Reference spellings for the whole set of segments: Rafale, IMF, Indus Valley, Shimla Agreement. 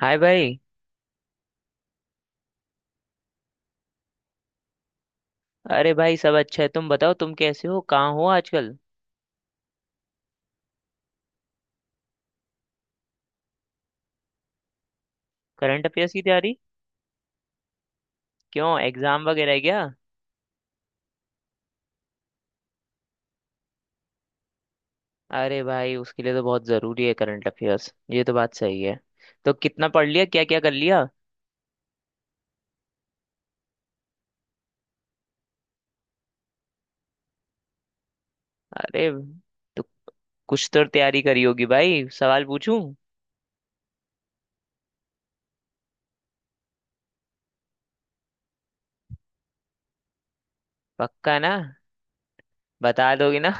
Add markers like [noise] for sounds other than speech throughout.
हाय भाई। अरे भाई, सब अच्छा है, तुम बताओ, तुम कैसे हो, कहाँ हो आजकल। करंट अफेयर्स की तैयारी? क्यों, एग्जाम वगैरह है क्या? अरे भाई, उसके लिए तो बहुत ज़रूरी है करंट अफेयर्स, ये तो बात सही है। तो कितना पढ़ लिया, क्या क्या कर लिया? अरे, तो कुछ तो तैयारी करी होगी भाई, सवाल पूछूं? पक्का ना? बता दोगे ना?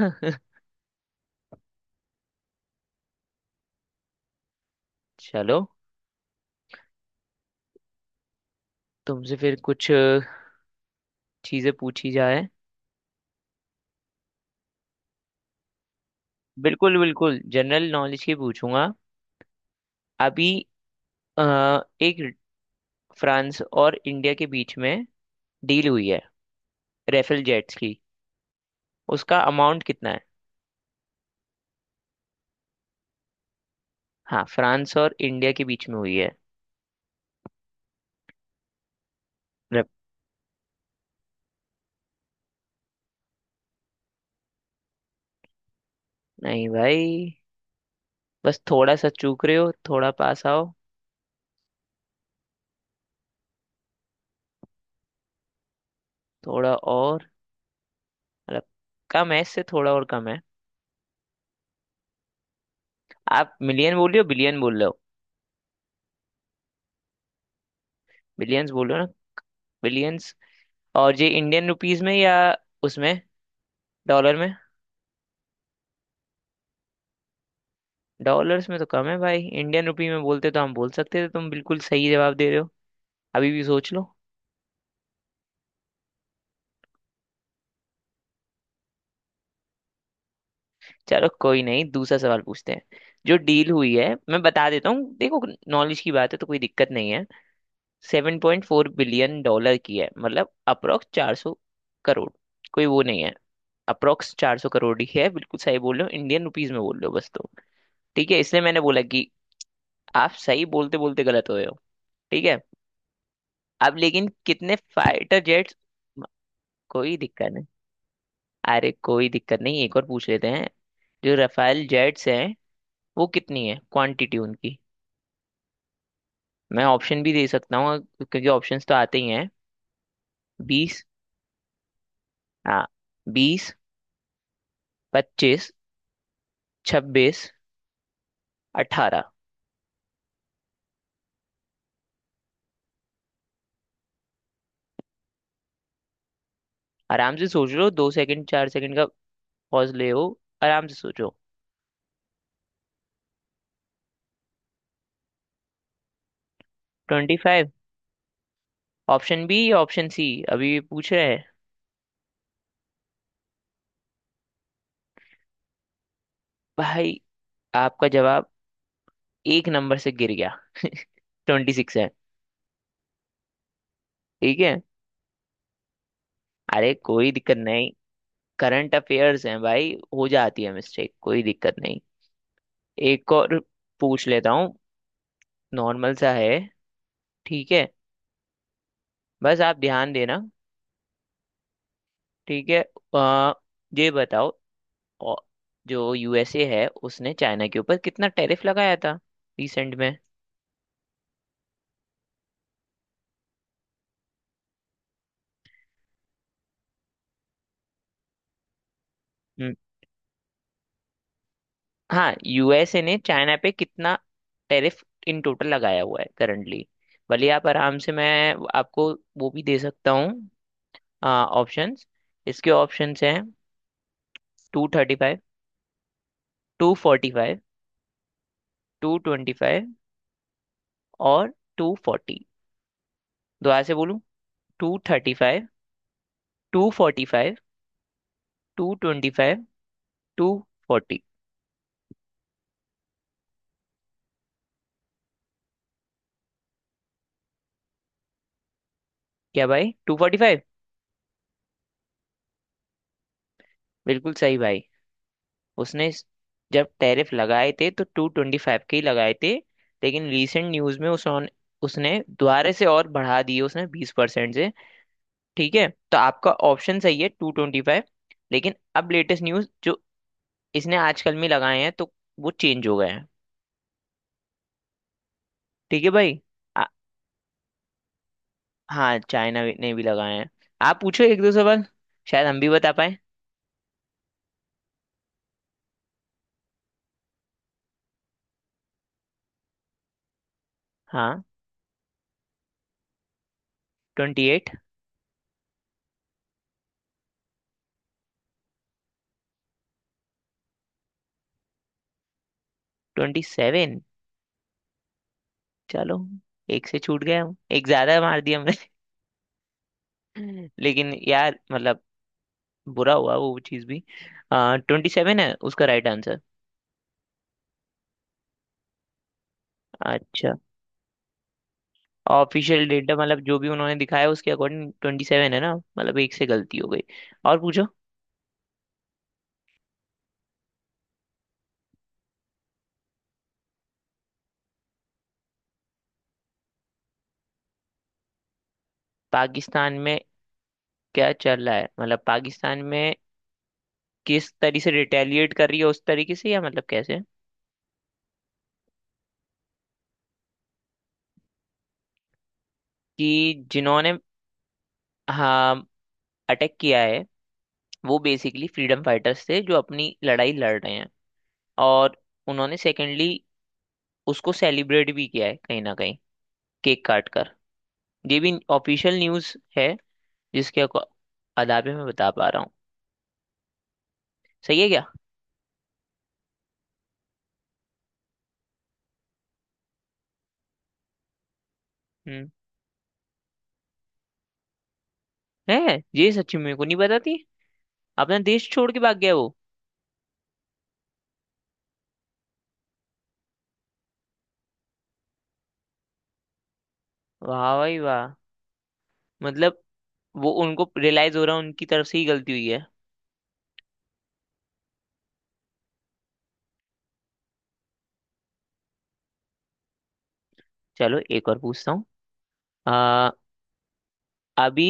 [laughs] चलो, तुमसे फिर कुछ चीज़ें पूछी जाए। बिल्कुल बिल्कुल, जनरल नॉलेज की पूछूंगा। अभी अ, एक, फ्रांस और इंडिया के बीच में डील हुई है रेफेल जेट्स की, उसका अमाउंट कितना है? हाँ, फ्रांस और इंडिया के बीच में हुई है। रे- नहीं भाई, बस थोड़ा सा चूक रहे हो, थोड़ा पास आओ। थोड़ा और, मतलब कम है, इससे थोड़ा और कम है। आप मिलियन बोल रहे हो, बिलियन बोल रहे हो? बिलियंस बोल रहे हो ना? बिलियंस। और ये इंडियन रुपीस में या उसमें डॉलर में? डॉलर्स में तो कम है भाई, इंडियन रुपी में बोलते तो हम बोल सकते थे, तुम बिल्कुल सही जवाब दे रहे हो। अभी भी सोच लो। चलो कोई नहीं, दूसरा सवाल पूछते हैं। जो डील हुई है मैं बता देता हूँ, देखो, नॉलेज की बात है तो कोई दिक्कत नहीं है। Seven point four billion dollar की है, मतलब अप्रोक्स 400 करोड़। कोई वो नहीं है, अप्रोक्स चार सौ करोड़ ही है, बिल्कुल सही बोल रहे हो, इंडियन रुपीज में बोल रहे हो बस। तो ठीक है, इसलिए मैंने बोला कि आप सही बोलते बोलते गलत हो रहे हो। ठीक है। अब लेकिन कितने फाइटर जेट्स? कोई दिक्कत नहीं। अरे कोई दिक्कत नहीं, एक और पूछ लेते हैं। जो रफाल जेट्स हैं वो कितनी है क्वांटिटी उनकी? मैं ऑप्शन भी दे सकता हूँ, क्योंकि ऑप्शंस तो आते ही हैं। 20, हाँ 20, 25, 26, 18। आराम से सोच लो, दो सेकंड चार सेकंड का पॉज ले हो, आराम से सोचो। Twenty five? ऑप्शन बी या ऑप्शन सी? अभी ये पूछ रहे हैं। भाई, आपका जवाब एक नंबर से गिर गया, ट्वेंटी सिक्स है। ठीक है। अरे कोई दिक्कत नहीं, करंट अफेयर्स हैं भाई, हो जाती है मिस्टेक, कोई दिक्कत नहीं। एक और पूछ लेता हूँ, नॉर्मल सा है, ठीक है, बस आप ध्यान देना। ठीक है। आ, ये बताओ, औ- जो यूएसए है उसने चाइना के ऊपर कितना टैरिफ लगाया था रिसेंट में? हम्म, हाँ, यूएसए ने चाइना पे कितना टैरिफ इन टोटल लगाया हुआ है करंटली? भले आप आराम से, मैं आपको वो भी दे सकता हूँ ऑप्शंस। इसके ऑप्शंस हैं, two thirty five, two forty five, two twenty five और टू फोर्टी। दोबारा से बोलूँ, two thirty five, two forty five, two twenty five, two forty. क्या भाई, टू फोर्टी फाइव? बिल्कुल सही भाई। उसने स- जब टैरिफ लगाए थे तो टू ट्वेंटी फाइव के ही लगाए थे, लेकिन रिसेंट न्यूज में उसने उसने दोबारा से और बढ़ा दिए, उसने 20% से। ठीक है, तो आपका ऑप्शन सही है टू ट्वेंटी फाइव। लेकिन अब लेटेस्ट न्यूज जो इसने आजकल में लगाए हैं तो वो चेंज हो गए हैं, ठीक है भाई। आ, हाँ चाइना ने भी लगाए हैं। आप पूछो एक दो सवाल, शायद हम भी बता पाए। हाँ, ट्वेंटी एट। Twenty seven? चलो, एक से छूट गए, हम एक ज्यादा मार दिया हमने। [laughs] लेकिन यार मतलब, बुरा हुआ वो चीज भी। ट्वेंटी सेवन है उसका राइट आंसर। अच्छा, ऑफिशियल डेटा मतलब जो भी उन्होंने दिखाया उसके अकॉर्डिंग ट्वेंटी सेवन है ना, मतलब एक से गलती हो गई। और पूछो। पाकिस्तान में क्या चल रहा है मतलब? पाकिस्तान में किस तरीके से रिटेलिएट कर रही है उस तरीके से, या मतलब कैसे? कि जिन्होंने, हाँ, अटैक किया है वो बेसिकली फ्रीडम फाइटर्स थे जो अपनी लड़ाई लड़ रहे हैं। और उन्होंने सेकेंडली उसको सेलिब्रेट भी किया है कहीं ना कहीं, केक काट कर। ये भी ऑफिशियल न्यूज़ है, जिसके अको- अदाबे में बता पा रहा हूँ। सही है क्या? हम्म। है ये सच्ची, मेरे को नहीं पता थी। अपना देश छोड़ के भाग गया वो? वाह भाई वाह। मतलब वो उनको रियलाइज हो रहा है उनकी तरफ से ही गलती हुई है। चलो एक और पूछता हूँ। आ, अभी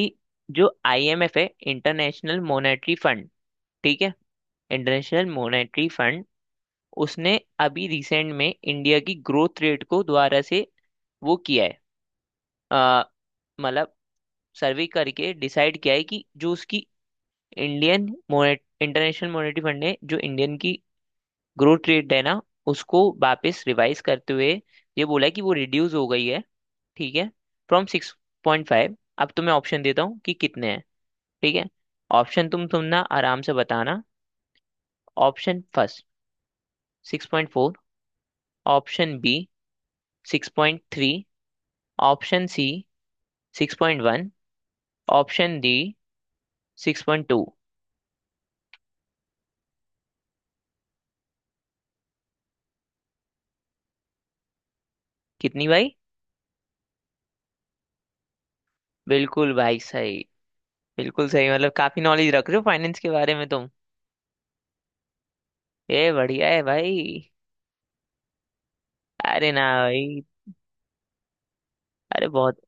जो आईएमएफ है, इंटरनेशनल मॉनेटरी फंड, ठीक है, इंटरनेशनल मॉनेटरी फंड, उसने अभी रिसेंट में इंडिया की ग्रोथ रेट को दोबारा से वो किया है, अ, मतलब सर्वे करके डिसाइड किया है कि जो उसकी इंडियन मोनेट, इंटरनेशनल मॉनेटरी फंड ने जो इंडियन की ग्रोथ रेट है ना, उसको वापस रिवाइज करते हुए ये बोला है कि वो रिड्यूस हो गई है। ठीक है, फ्रॉम सिक्स पॉइंट फाइव। अब तो मैं ऑप्शन देता हूँ कि कितने हैं, ठीक है? ऑप्शन तुम ना आराम से बताना। Option first, six point four. Option B, six point three. Option C, six point one. Option D, six point two. कितनी भाई? बिल्कुल भाई सही, बिल्कुल सही, मतलब काफी नॉलेज रख रहे हो फाइनेंस के बारे में तुम, ये बढ़िया है भाई। अरे ना भाई। अरे बहुत,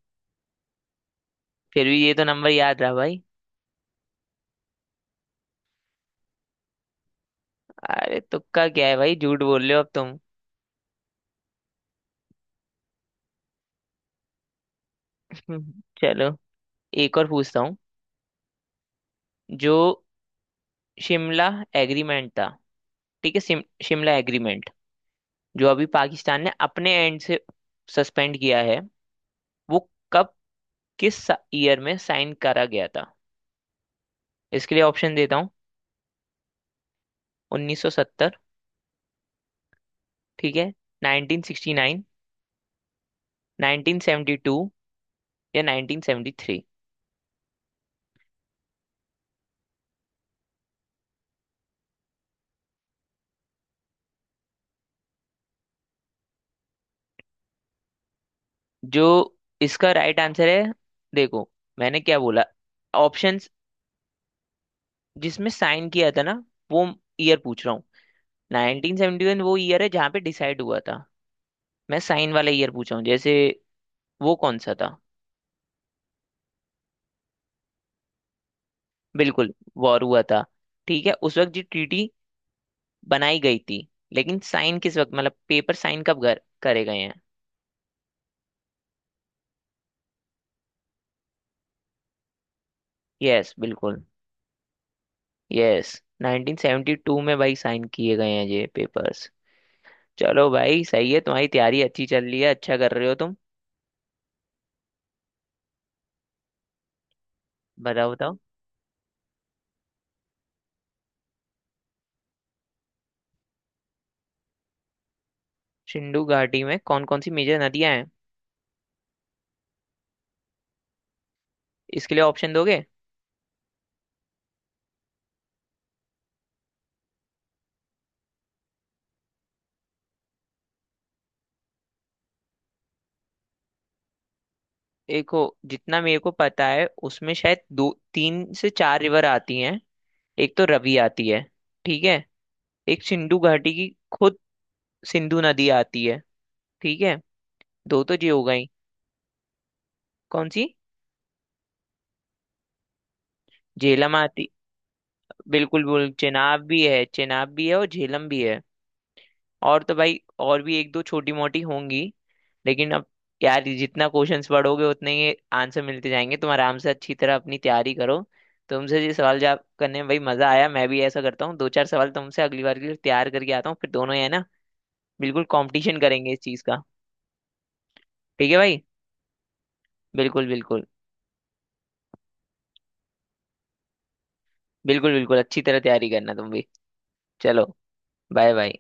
फिर भी ये तो नंबर याद रहा भाई। अरे तुक्का क्या है भाई, झूठ बोल रहे हो अब तुम। [laughs] चलो एक और पूछता हूँ। जो शिमला एग्रीमेंट था, ठीक है, शिमला एग्रीमेंट, जो अभी पाकिस्तान ने अपने एंड से सस्पेंड किया है, वो कब, किस ईयर में साइन करा गया था? इसके लिए ऑप्शन देता हूँ, 1970, ठीक है, 1969, 1972 या 1973। जो इसका राइट आंसर है, देखो, मैंने क्या बोला ऑप्शंस, जिसमें साइन किया था ना वो ईयर पूछ रहा हूँ। 1971 वो ईयर है जहाँ पे डिसाइड हुआ था, मैं साइन वाला ईयर पूछ रहा हूँ, जैसे वो कौन सा था? बिल्कुल, वॉर हुआ था, ठीक है, उस वक्त जो ट्रीटी बनाई गई थी। लेकिन साइन किस वक्त, मतलब पेपर साइन कब करे गए हैं? यस बिल्कुल, यस, 1972 में भाई साइन किए गए हैं ये पेपर्स। चलो भाई सही है, तुम्हारी तैयारी अच्छी चल रही है, अच्छा कर रहे हो तुम। बताओ बताओ। सिंधु घाटी में कौन कौन सी मेजर नदियां हैं? इसके लिए ऑप्शन दोगे? देखो, जितना मेरे को पता है उसमें शायद दो तीन से चार रिवर आती हैं। एक तो रवि आती है, ठीक है, एक सिंधु घाटी की खुद सिंधु नदी आती है, ठीक है, दो तो ये हो गई। कौन सी? झेलम आती, बिल्कुल बिल्कुल, चेनाब भी है, चेनाब भी है और झेलम भी है। और तो भाई और भी एक दो छोटी मोटी होंगी, लेकिन अब यार ये जितना क्वेश्चंस पढ़ोगे उतने ही आंसर मिलते जाएंगे, तुम आराम से अच्छी तरह अपनी तैयारी करो। तुमसे ये सवाल जवाब करने में भाई मजा आया, मैं भी ऐसा करता हूँ, दो चार सवाल तुमसे अगली बार के लिए तैयार करके आता हूँ, फिर दोनों ही है ना बिल्कुल कंपटीशन करेंगे इस चीज का। ठीक है भाई, बिल्कुल बिल्कुल, बिल्कुल बिल्कुल अच्छी तरह तैयारी करना तुम भी। चलो, बाय बाय।